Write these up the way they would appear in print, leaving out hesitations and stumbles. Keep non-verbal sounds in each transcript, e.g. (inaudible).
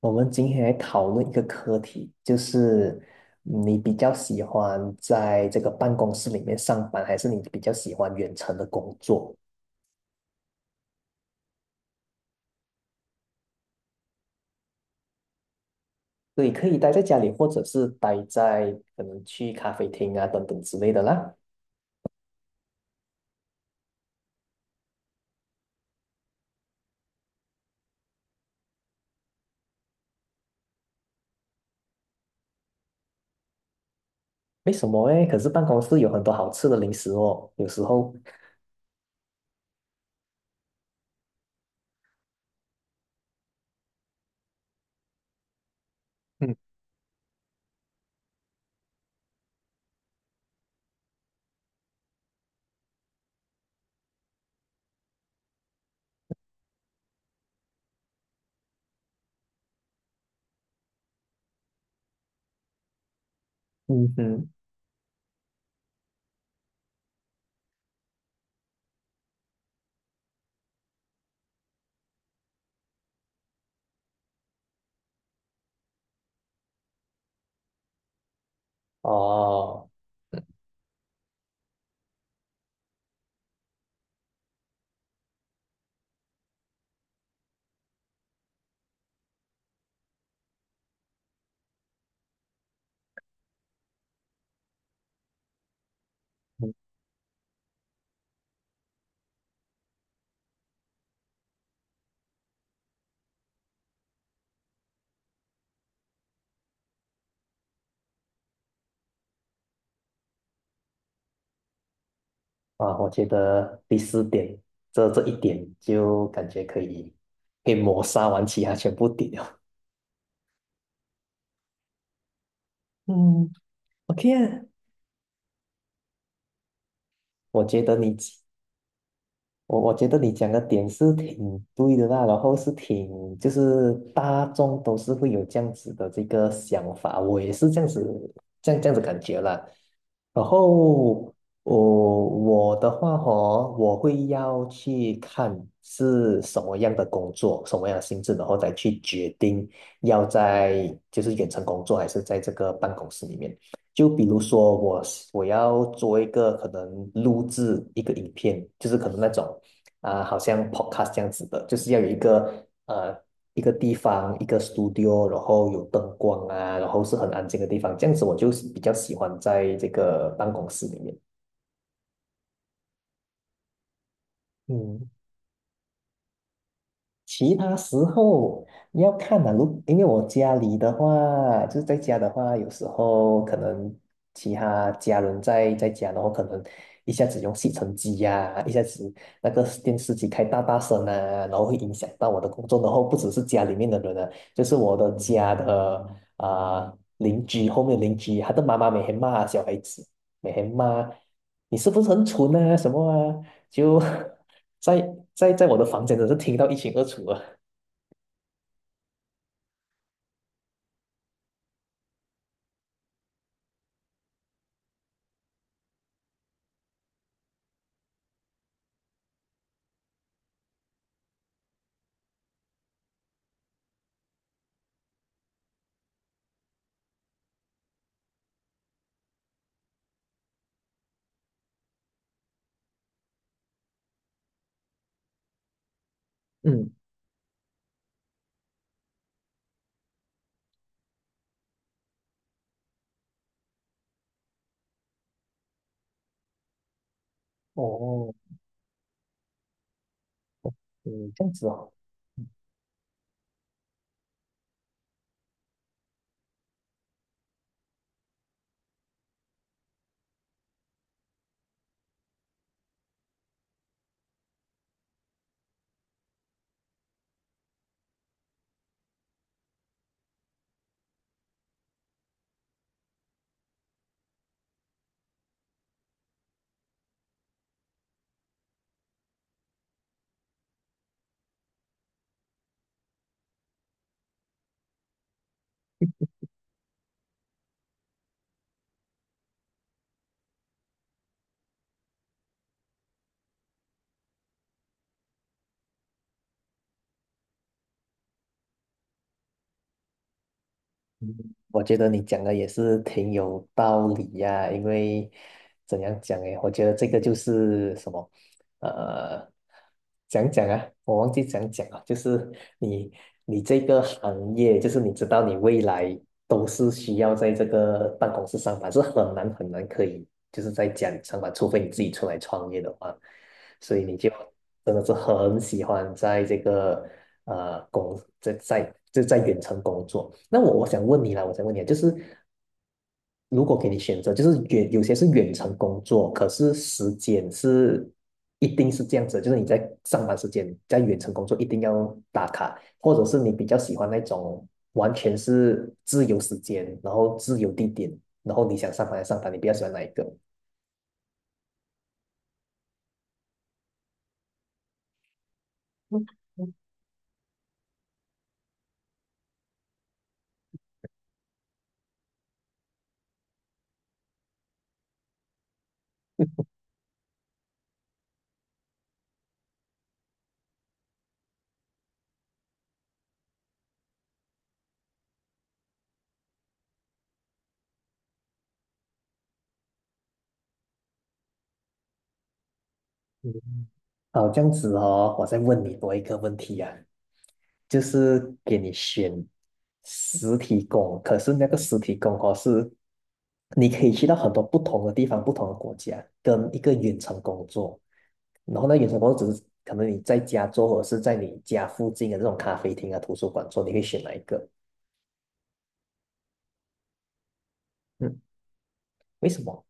我们今天来讨论一个课题，就是你比较喜欢在这个办公室里面上班，还是你比较喜欢远程的工作？对，可以待在家里，或者是待在可能去咖啡厅啊等等之类的啦。为什么诶？可是办公室有很多好吃的零食哦，有时候，嗯哼。哦。嗯啊，我觉得第四点，这一点就感觉可以抹杀完其他全部点了。嗯，OK 啊，我觉得你，我觉得你讲的点是挺对的啦，然后是挺就是大众都是会有这样子的这个想法，我也是这样子，这样子感觉啦。然后我的话哦，我会要去看是什么样的工作，什么样的性质，然后再去决定要在就是远程工作还是在这个办公室里面。就比如说我要做一个可能录制一个影片，就是可能那种啊、好像 podcast 这样子的，就是要有一个。一个地方，一个 studio,然后有灯光啊，然后是很安静的地方，这样子我就比较喜欢在这个办公室里面。嗯，其他时候要看啊，如因为我家里的话，就是在家的话，有时候可能其他家人在家，然后可能一下子用吸尘机呀、一下子那个电视机开大大声啊，然后会影响到我的工作。然后不只是家里面的人啊，就是我的家的啊、邻居后面的邻居，他的妈妈每天骂小孩子，每天骂你是不是很蠢啊什么啊，就 (laughs) 在我的房间，真是听到一清二楚啊。嗯。哦。嗯。这样子哦。嗯，我觉得你讲的也是挺有道理呀、因为怎样讲诶，我觉得这个就是什么，呃，讲讲啊，我忘记讲了，就是你你这个行业，就是你知道你未来都是需要在这个办公室上班，是很难可以就是在家里上班，除非你自己出来创业的话，所以你就真的是很喜欢在这个。呃工在在就在远程工作。那我想问你啦，我想问你啊，就是如果给你选择，就是远有些是远程工作，可是时间是一定是这样子，就是你在上班时间在远程工作一定要打卡，或者是你比较喜欢那种完全是自由时间，然后自由地点，然后你想上班就上班，你比较喜欢哪一个？好，这样子哦，我再问你多一个问题啊，就是给你选实体工，可是那个实体工哦是，你可以去到很多不同的地方、不同的国家，跟一个远程工作，然后呢，远程工作只是可能你在家做，或者是在你家附近的这种咖啡厅啊、图书馆做，你会选哪一个？嗯。为什么？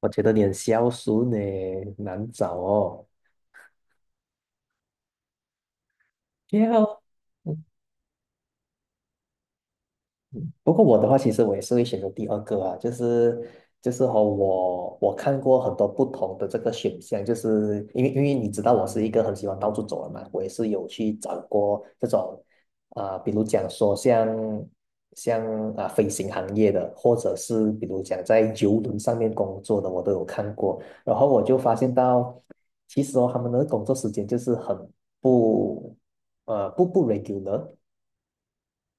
我觉得你很孝顺呢，难找哦。(laughs) 没嗯不过我的话，其实我也是会选择第二个啊，就是就是和我我看过很多不同的这个选项，就是因为你知道我是一个很喜欢到处走的嘛，我也是有去找过这种啊、比如讲说像啊、飞行行业的，或者是比如讲在游轮上面工作的，我都有看过，然后我就发现到，其实哦，他们的工作时间就是很不不 regular。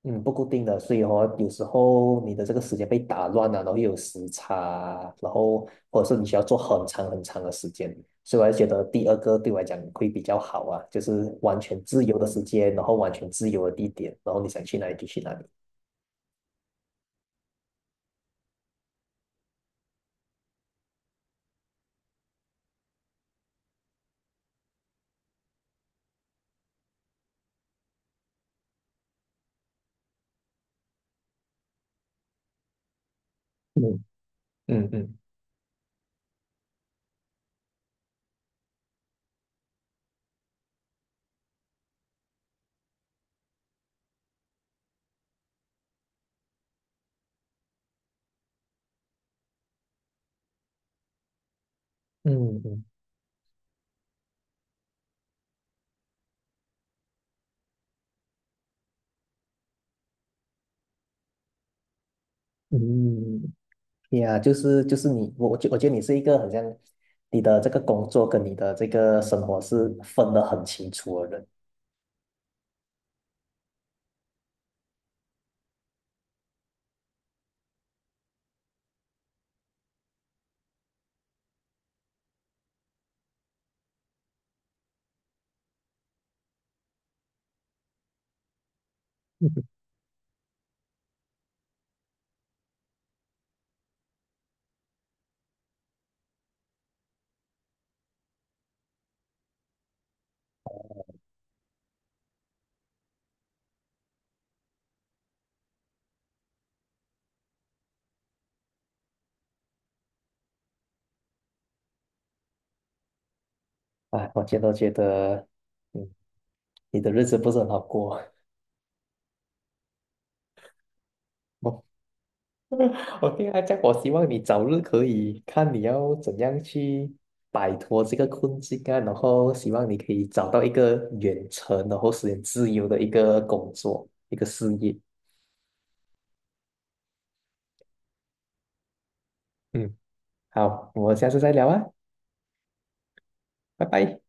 嗯，不固定的，所以哦，有时候你的这个时间被打乱了，然后又有时差，然后或者是你需要做很长的时间，所以我还觉得第二个对我来讲会比较好啊，就是完全自由的时间，然后完全自由的地点，然后你想去哪里就去哪里。嗯嗯嗯嗯嗯嗯，呀，就是就是你，我觉得你是一个很像你的这个工作跟你的这个生活是分得很清楚的人。(laughs) 啊，我觉得，嗯，你的日子不是很好过。(laughs) 我我这讲，我希望你早日可以看你要怎样去摆脱这个困境啊，然后希望你可以找到一个远程，然后实现自由的一个工作，一个事业。嗯，好，我们下次再聊啊，拜拜。